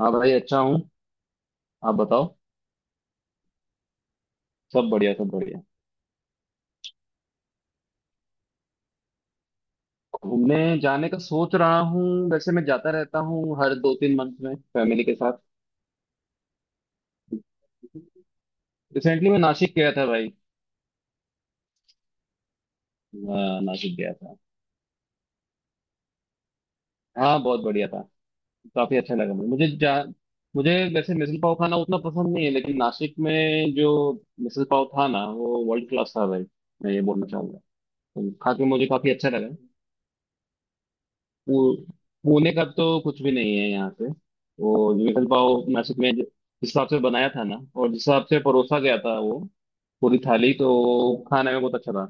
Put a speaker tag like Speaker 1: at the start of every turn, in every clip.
Speaker 1: हाँ भाई, अच्छा हूँ। आप बताओ। सब बढ़िया, सब बढ़िया। घूमने जाने का सोच रहा हूँ। वैसे मैं जाता रहता हूँ हर दो तीन मंथ में फैमिली के साथ। रिसेंटली मैं नासिक गया था भाई। हाँ, नासिक गया था। हाँ, बहुत बढ़िया था। काफी अच्छा लगा मुझे मुझे जा मुझे वैसे मिसल पाव खाना उतना पसंद नहीं है, लेकिन नासिक में जो मिसल पाव था ना, वो वर्ल्ड क्लास था भाई। मैं ये बोलना चाहूंगा। तो खा के मुझे काफी अच्छा लगा। पू- पुणे का तो कुछ भी नहीं है यहाँ पे। वो विकल पाव नासिक में जिस हिसाब से बनाया था ना, और जिस हिसाब से परोसा गया था, वो पूरी थाली तो खाने में बहुत अच्छा था।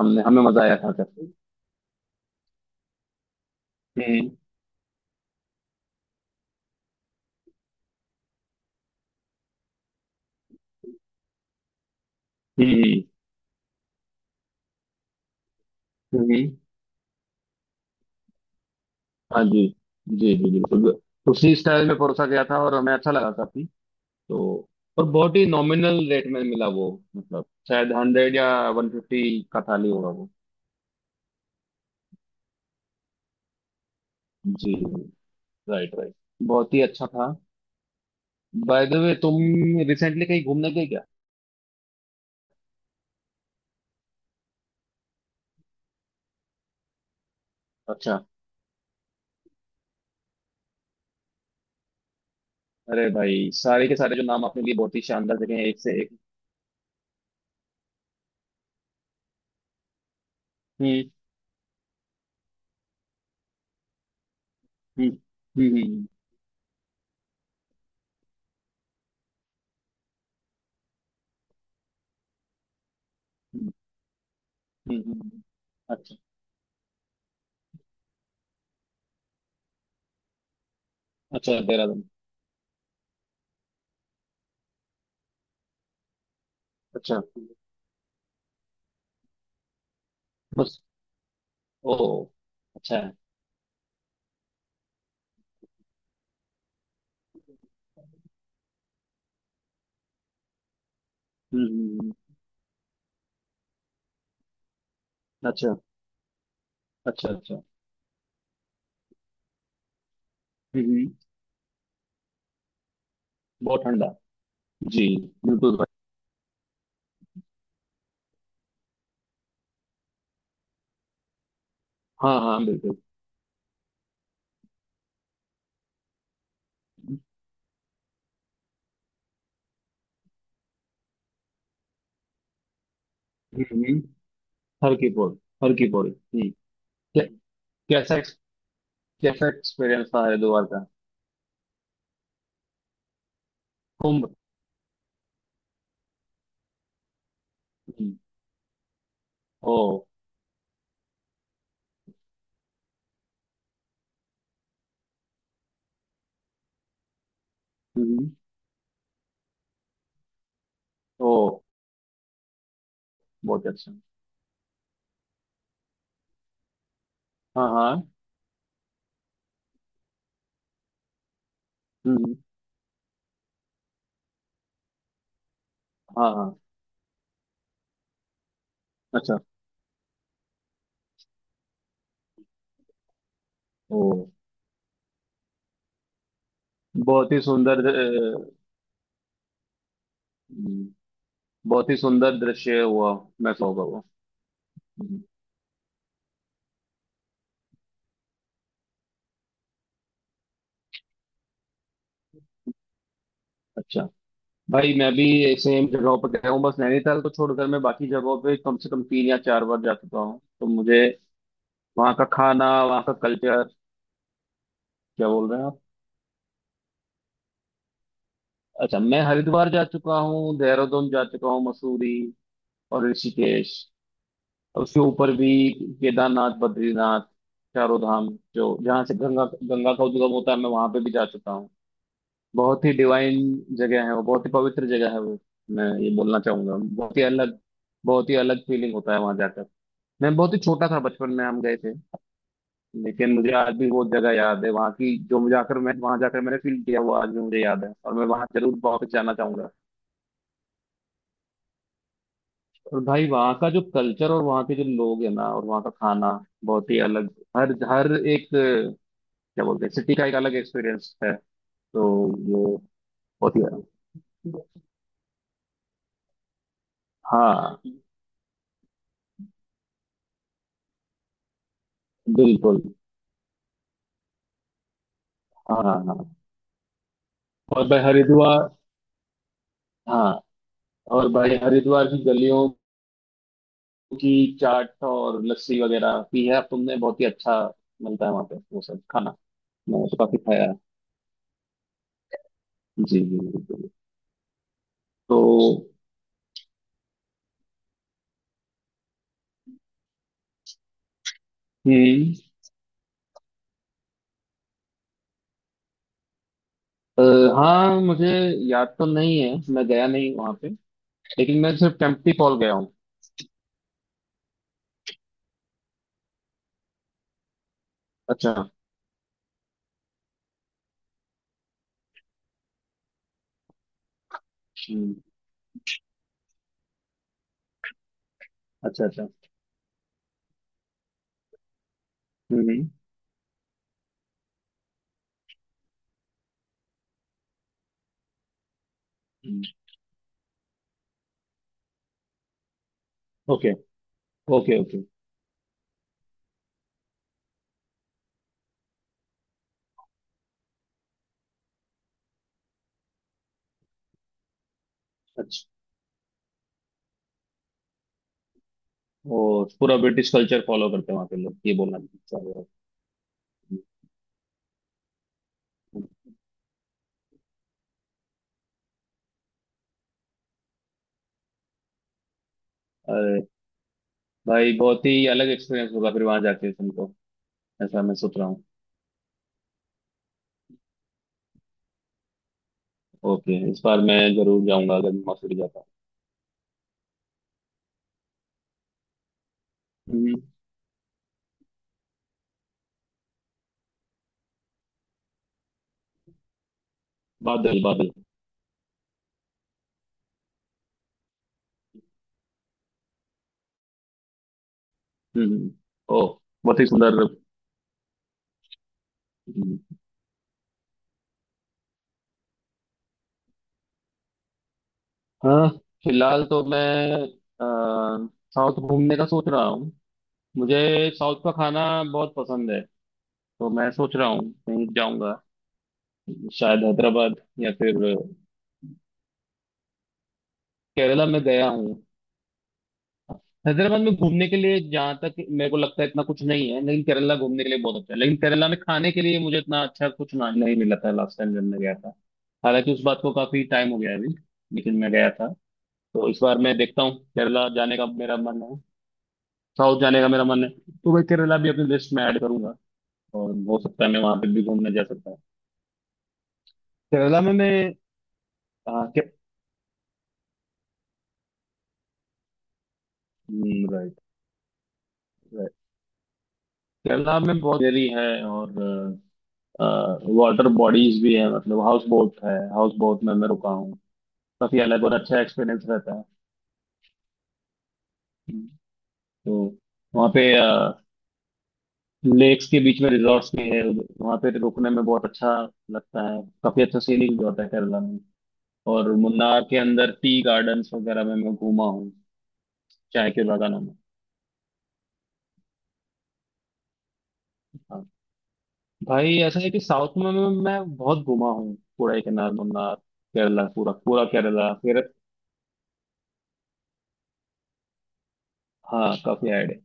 Speaker 1: हमने हमें मजा आया था करके। हम्म। हम्म। हम्म। हम्म। हाँ जी। जी जी, बिल्कुल। उसी स्टाइल में परोसा गया था और हमें अच्छा लगा काफी। तो और बहुत ही नॉमिनल रेट में मिला वो। मतलब शायद 100 या 150 का थाली होगा वो। जी। Right right. बहुत ही अच्छा था। बाय द वे, तुम रिसेंटली कहीं घूमने गए क्या? अच्छा। अरे भाई, सारे के सारे जो नाम आपने लिए बहुत ही शानदार जगह है, एक से एक। हम्म। हम्म। हम्म। हम्म। हम्म। हम्म। हम्म। अच्छा। अच्छा, देहरादून। अच्छा। बस। ओ। अच्छा है। हम्म। अच्छा अच्छा अच्छा हम्म। हम्म। बहुत ठंडा। जी, बिल्कुल भाई। हाँ हाँ, बिल्कुल। हम्म। हम्म। हर की पौड़ी। हर की पौड़ी। हम्म। क्या- कैसा। कैसा एक्सपीरियंस था हरिद्वार का? कुंभ। हम्म। ओ। हम्म। ओ। बहुत अच्छा। हाँ हाँ। हम्म। हम्म। हाँ हाँ। अच्छा। ओ। बहुत ही सुंदर। हम्म। बहुत ही सुंदर दृश्य हुआ। मैं तो कहूँगा वो। हम्म। अच्छा। भाई, मैं भी सेम जगहों पर गया हूँ, बस नैनीताल को छोड़कर। मैं बाकी जगहों पे कम से कम तीन या चार बार जा चुका हूँ। तो मुझे वहाँ का खाना, वहाँ का कल्चर। क्या बोल रहे हैं आप? अच्छा, मैं हरिद्वार जा चुका हूँ, देहरादून जा चुका हूँ, मसूरी और ऋषिकेश। उसके ऊपर भी केदारनाथ, बद्रीनाथ, चारों धाम। जो जहाँ से गंगा गंगा का उद्गम होता है, मैं वहां पे भी जा चुका हूँ। बहुत ही डिवाइन जगह है वो, बहुत ही पवित्र जगह है वो। मैं ये बोलना चाहूंगा, बहुत ही अलग, बहुत ही अलग फीलिंग होता है वहां जाकर। मैं बहुत ही छोटा था बचपन में, हम गए थे। लेकिन मुझे आज भी वो जगह याद है, वहाँ की जो मुझे आकर मैं वहां जाकर मैंने फील किया, वो आज भी मुझे याद है, और मैं वहां जरूर वापस जाना चाहूंगा। और भाई, वहाँ का जो कल्चर और वहाँ के जो लोग हैं ना, और वहाँ का खाना, बहुत ही अलग। हर हर एक क्या बोलते हैं, सिटी का एक अलग एक्सपीरियंस है। तो वो बहुत ही। हाँ, बिल्कुल। हाँ हाँ हाँ। और भाई हरिद्वार। हाँ। और भाई, हरिद्वार की गलियों की चाट और लस्सी वगैरह पी है अब तुमने? बहुत ही अच्छा मिलता है वहाँ पे वो सब खाना। मैंने तो काफी खाया है। जी जी, बिल्कुल। तो हम्म। अ, हाँ, मुझे याद तो नहीं है, मैं गया नहीं वहाँ पे। लेकिन मैं सिर्फ टेम्पटी फॉल गया हूँ। अच्छा। हम्म। अच्छा अच्छा। हम्म। हम्म। ओके। Okay okay. अच्छा। वो पूरा ब्रिटिश कल्चर फॉलो करते हैं वहाँ पे लोग, ये बोलना चाह रहे हो? अरे भाई, बहुत ही अलग एक्सपीरियंस होगा फिर वहां जाके तुमको। ऐसा मैं सोच रहा हूँ। ओके, इस बार मैं जरूर जाऊंगा अगर मैं मसूरी जाता हूँ। हम्म। बादल, बादल। हम्म। ओ। बहुत ही सुंदर। हम्म। हाँ। फिलहाल तो मैं अ, साउथ घूमने का सोच रहा हूँ। मुझे साउथ का खाना बहुत पसंद है। तो मैं सोच रहा हूँ कहीं जाऊंगा, शायद हैदराबाद या फिर। केरला में गया हूँ। हैदराबाद में घूमने के लिए जहाँ तक मेरे को लगता है इतना कुछ नहीं है, लेकिन केरला घूमने के लिए बहुत अच्छा है। लेकिन केरला में खाने के लिए मुझे इतना अच्छा कुछ नहीं मिला था लास्ट टाइम जब मैं गया था। हालांकि उस बात को काफी टाइम हो गया है अभी। लेकिन मैं गया था। तो इस बार मैं देखता हूँ, केरला जाने का मेरा मन है, साउथ जाने का मेरा मन है। तो मैं केरला भी अपनी लिस्ट में ऐड करूंगा, और हो सकता है मैं वहां पे भी घूमने जा सकता हूँ। केरला में मैं। हाँ, के, राइट राइट। केरला में बहुत देरी है, और वाटर बॉडीज भी है। मतलब हाउस बोट है, हाउस बोट में मैं रुका हूँ। काफी अलग और अच्छा एक्सपीरियंस रहता है। हम्म। तो वहाँ पे लेक्स के बीच में रिजॉर्ट्स भी है, वहाँ पे रुकने में बहुत अच्छा लगता है। काफी अच्छा सीनिक भी होता है केरला में। और मुन्नार के अंदर टी गार्डन्स वगैरह में मैं घूमा हूँ। चाय के बागानों में। हाँ। भाई, ऐसा है कि साउथ में मैं बहुत घूमा हूँ। कोडाईकनाल, मुन्नार, केरला, पूरा पूरा केरला फिर। हाँ, काफी आइडिया,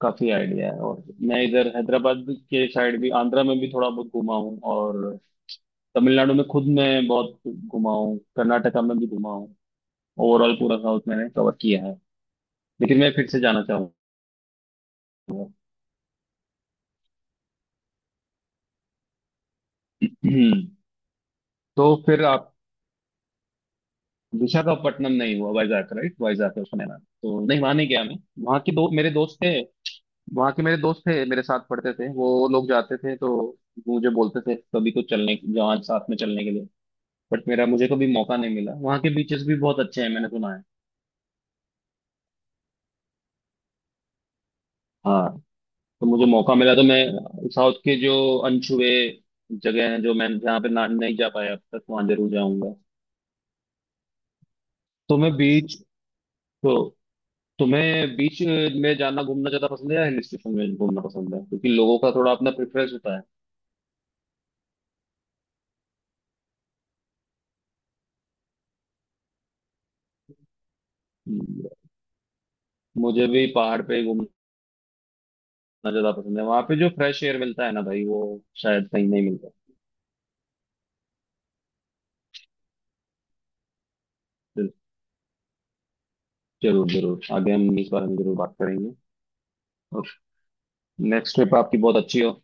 Speaker 1: काफी आइडिया है। और मैं इधर हैदराबाद के साइड भी, आंध्रा में भी थोड़ा बहुत घूमा हूँ। और तमिलनाडु में खुद मैं बहुत घुमा हूँ, कर्नाटका में भी घुमा हूँ। ओवरऑल पूरा साउथ मैंने कवर किया है। लेकिन मैं फिर से जाना चाहूंगा। हम्म। तो फिर आप। विशाखापट्टनम नहीं हुआ। वाइजैक राइट, वाइजैक है उसका नाम तो? नहीं, वहां नहीं गया मैं। वहाँ के दो मेरे दोस्त थे, वहाँ के मेरे दोस्त थे, मेरे साथ पढ़ते थे। वो लोग जाते थे, तो मुझे बोलते थे कभी तो चलने जहाँ, साथ में चलने के लिए। बट मेरा मुझे कभी मौका नहीं मिला। वहाँ के बीचेस भी बहुत अच्छे हैं मैंने सुना है। हाँ। तो मुझे मौका मिला तो मैं साउथ के जो अनछुए जगह हैं, जो मैं जहाँ पे ना नहीं जा पाया अब तक, वहाँ जरूर जाऊंगा। तुम्हें बीच। तो तुम्हें बीच में जाना घूमना ज्यादा पसंद है या हिल स्टेशन में घूमना पसंद है? क्योंकि लोगों का थोड़ा अपना प्रेफरेंस होता है। हम्म। मुझे भी पहाड़ पे घूमना ज्यादा पसंद है। वहां पे जो फ्रेश एयर मिलता है ना भाई, वो शायद कहीं नहीं मिलता। तो जरूर जरूर आगे हम इस बारे में जरूर बात करेंगे। और नेक्स्ट ट्रिप आपकी बहुत अच्छी हो।